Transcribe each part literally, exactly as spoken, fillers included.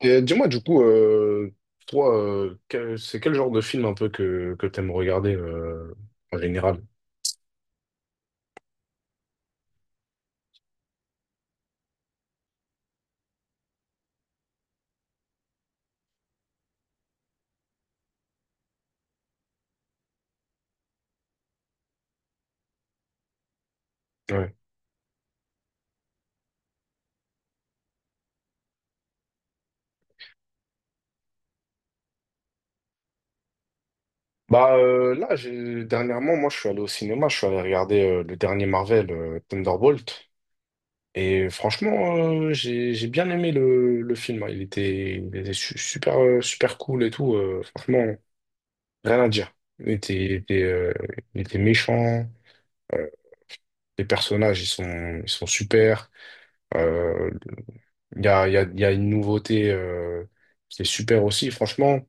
Et dis-moi, du coup, euh, toi, euh, quel- c'est quel genre de film un peu que, que t'aimes regarder euh, en général? Ouais. Bah euh, là, j'ai- dernièrement, moi, je suis allé au cinéma, je suis allé regarder euh, le dernier Marvel, euh, Thunderbolt. Et franchement, euh, j'ai j'ai bien aimé le, le film, hein. Il était, il était su- super, euh, super cool et tout. euh, franchement, rien à dire. Il était, il était, euh, il était méchant. euh, les personnages, ils sont, ils sont super. Euh, Il y a, il y a, il y a une nouveauté euh, qui est super aussi. Franchement,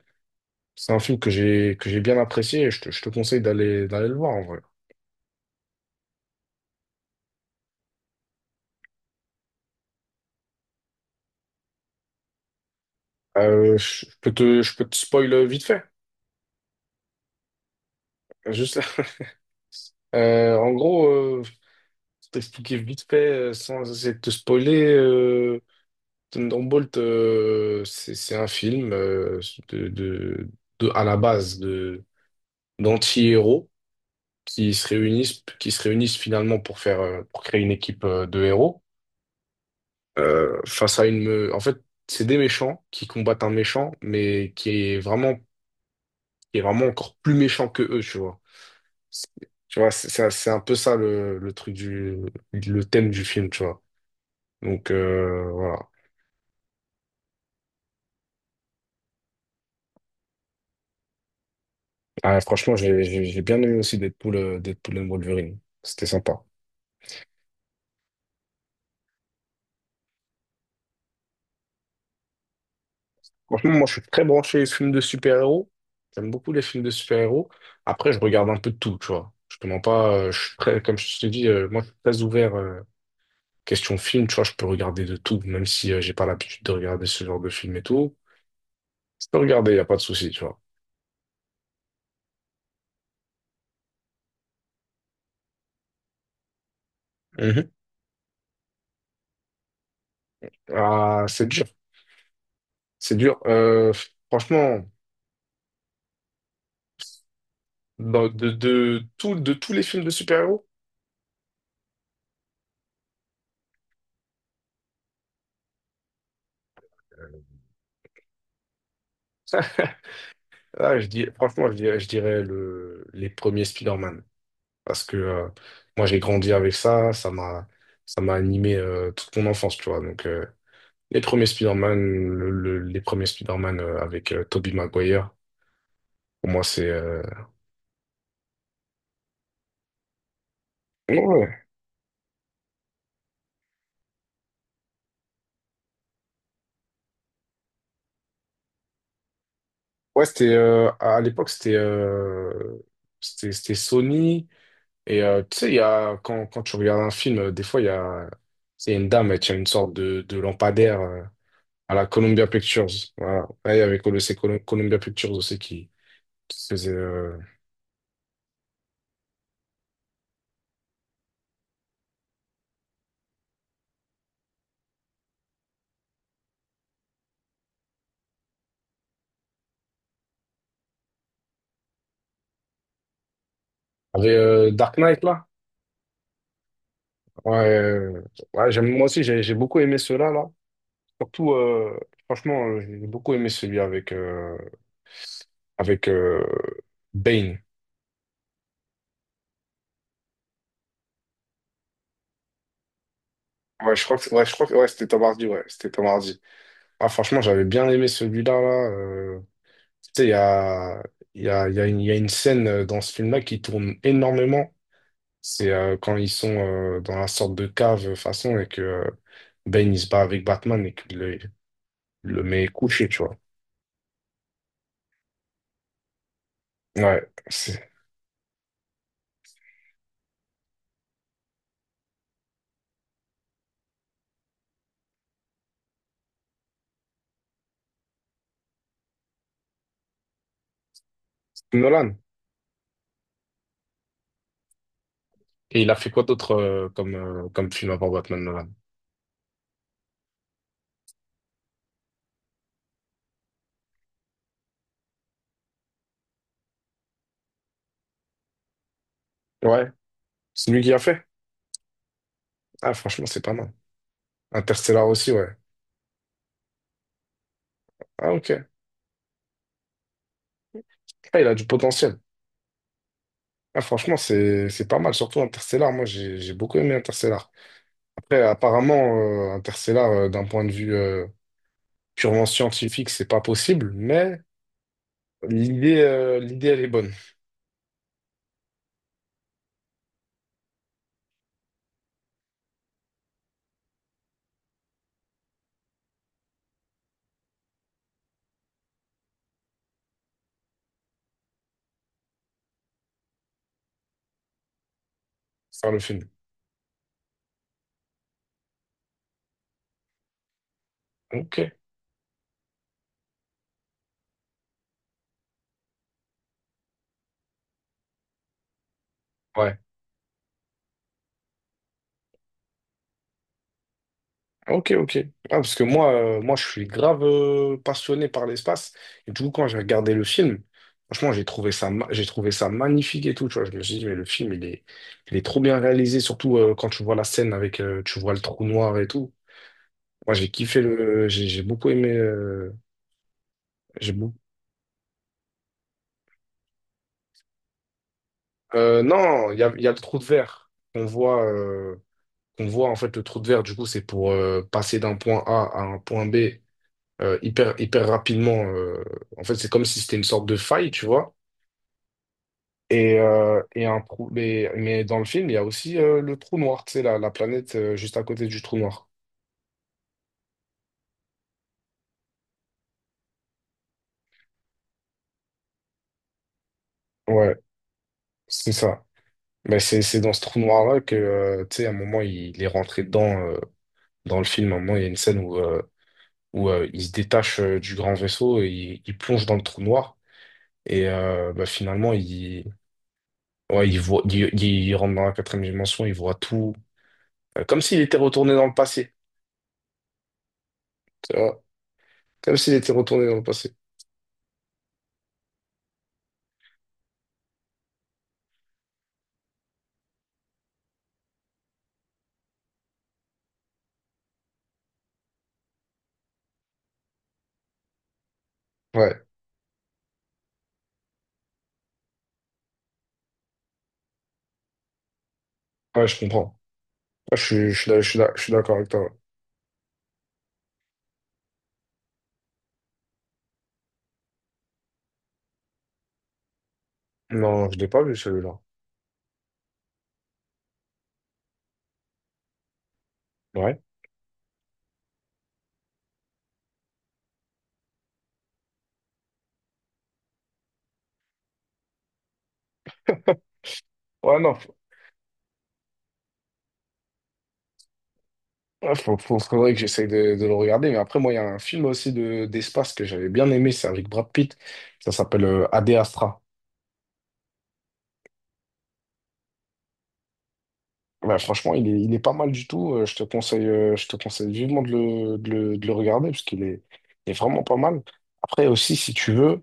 c'est un film que j'ai que j'ai bien apprécié et je te, je te conseille d'aller d'aller le voir en vrai. Euh, je je peux te, je peux te spoil vite fait. Juste, euh, en gros, euh, t'expliquer vite fait euh, sans essayer de te spoiler. Euh, Thunderbolt, euh, c'est c'est un film euh, de, de, de- à la base de d'anti-héros qui se réunissent qui se réunissent finalement pour faire euh, pour créer une équipe euh, de héros. euh, face à une... me- En fait, c'est des méchants qui combattent un méchant, mais qui est vraiment, qui est vraiment encore plus méchant que eux, tu vois. C'est- Tu vois, c'est c'est- un c'est un peu ça le, le truc du... le thème du film, tu vois. Donc, euh, voilà. Ah, franchement, j'ai j'ai- j'ai bien aimé aussi Deadpool, euh, Deadpool and Wolverine. C'était sympa. Franchement, moi, je suis très branché les films de super-héros. J'aime beaucoup les films de super-héros. Après, je regarde un peu de tout, tu vois. Je te mens pas, euh, je suis très, comme je te dis, euh, moi, je suis très ouvert. euh, Question film, tu vois, je peux regarder de tout, même si euh, j'ai pas l'habitude de regarder ce genre de film et tout. Je peux regarder, y a pas de souci, tu vois. Mhm. Ah, c'est dur, c'est dur. Euh, franchement, dans- de, de, tout, de tous les films de super-héros, ah, je dis, franchement, je dirais, je dirais le, les premiers Spider-Man. Parce que euh, moi, j'ai grandi avec ça, ça m'a, ça m'a animé euh, toute mon enfance, tu vois. Donc, euh, les premiers Spider-Man, le- le- les premiers Spider-Man euh, avec Toby Tobey Maguire, pour moi, c'est... euh, ouais, ouais. Ouais, c'était euh, à l'époque c'était euh, c'était c'était Sony et euh, tu sais il y a quand quand tu regardes un film euh, des fois il y a c'est une dame elle tient une sorte de de lampadaire euh, à la Columbia Pictures, voilà là il y avait Col- c'est Col- Columbia Pictures aussi qui, qui faisait euh, avec euh, Dark Knight là, ouais euh, ouais j'aime moi aussi j'ai j'ai beaucoup aimé ceux-là là, surtout euh, franchement euh, j'ai beaucoup aimé celui avec euh, avec euh, Bane. ouais je crois que ouais je crois que ouais c'était Tom Hardy, ouais c'était Tom Hardy Ah, franchement, j'avais bien aimé celui-là, là. euh, Tu sais, il y a, il y a, il y a une, il y a une scène euh, dans ce film-là qui tourne énormément. C'est euh, quand ils sont euh, dans la sorte de cave, euh, façon, et que euh, Bane, il se bat avec Batman et qu'il le, le met couché, tu vois. Ouais, c'est Nolan. Et il a fait quoi d'autre euh, comme, euh, comme film avant Batman, Nolan? Ouais, c'est lui qui a fait. Ah, franchement, c'est pas mal. Interstellar aussi, ouais. Ah, ok. Ah, il a du potentiel. Ah, franchement, c'est c'est pas mal, surtout Interstellar. Moi, j'ai j'ai beaucoup aimé Interstellar. Après, apparemment, euh, Interstellar, euh, d'un point de vue euh, purement scientifique, c'est pas possible, mais l'idée, euh, l'idée, elle est bonne, faire le film. Ok, ouais, ok, ok. Ah, parce que moi, euh, moi, je suis grave euh, passionné par l'espace, et du coup, quand j'ai regardé le film, franchement, j'ai trouvé ça, ma- j'ai trouvé ça magnifique et tout, tu vois. Je me suis dit, mais le film, il est, il est trop bien réalisé, surtout euh, quand tu vois la scène avec, euh, tu vois le trou noir et tout. Moi, j'ai kiffé le, j'ai j'ai beaucoup aimé, euh, j'ai Euh, non, il y a, il y a le trou de verre qu'on voit, euh, qu'on voit en fait le trou de verre. Du coup, c'est pour euh, passer d'un point A à un point B euh, hyper hyper rapidement. euh. En fait, c'est comme si c'était une sorte de faille, tu vois. Et, euh, et un trou. Mais, mais dans le film, il y a aussi euh, le trou noir, tu sais, la, la planète euh, juste à côté du trou noir. Ouais, c'est ça. Mais c'est c'est dans ce trou noir-là que, euh, tu sais, à un moment, il, il est rentré dedans euh, dans le film. À un moment, il y a une scène où, euh, où euh, il se détache euh, du grand vaisseau et il, il plonge dans le trou noir. Et euh, bah, finalement, il, ouais, il voit, il, il rentre dans la quatrième dimension, il voit tout. Euh, Comme s'il était retourné dans le passé, tu vois. Comme s'il était retourné dans le passé. Ouais, ouais, je comprends. Ouais, je suis, je suis, d'ac- je suis d'ac- je suis d'accord avec toi. Non, je l'ai pas vu celui-là. Ouais. Ouais, non. f- ouais, faut- faut- faudrait que j'essaye de, de le regarder. Mais après, moi, il y a un film aussi de, d'espace que j'avais bien aimé, c'est avec Brad Pitt. Ça s'appelle euh, Ad Astra. Bah, franchement, il est, il est pas mal du tout. Euh, je te conseille, euh, je te conseille vivement de le, de le, de le regarder parce qu'il est, il est vraiment pas mal. Après aussi, si tu veux,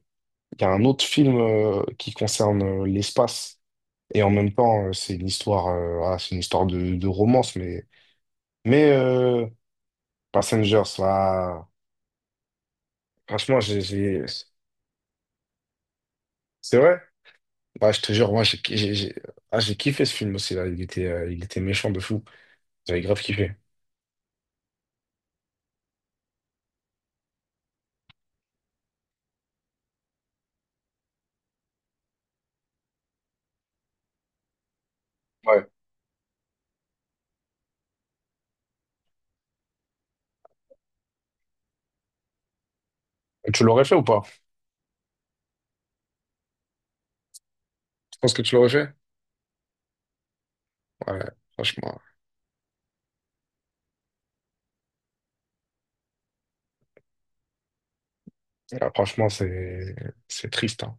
il y a un autre film euh, qui concerne euh, l'espace et en même temps, euh, c'est une histoire, euh, ah, c'est une histoire de, de romance, mais, mais euh, Passengers, là, franchement, j'ai, j'ai- c'est vrai. Bah, je te jure, moi, j'ai, j'ai, j'ai- ah, j'ai kiffé ce film aussi là. Il était, euh, il était méchant de fou. J'avais grave kiffé. Ouais. Tu l'aurais fait ou pas? Je pense que tu l'aurais fait? Ouais, franchement. Ah, franchement, c'est c'est triste, hein.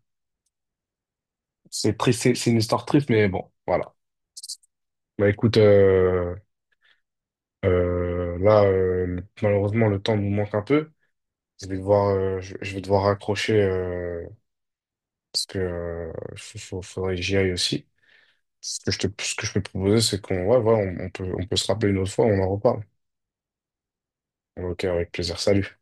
C'est triste, c'est c'est une histoire triste, mais bon, voilà. Bah écoute, euh, euh, là, euh, le- malheureusement, le temps nous manque un peu. Je vais devoir, euh, je, je vais devoir raccrocher euh, parce que euh, faut- faut- faudrait que j'y aille aussi. Ce que je te, ce que je peux te proposer, c'est qu'on, ouais, voilà, on, on peut, on peut se rappeler une autre fois, on en reparle. Ok, avec plaisir. Salut.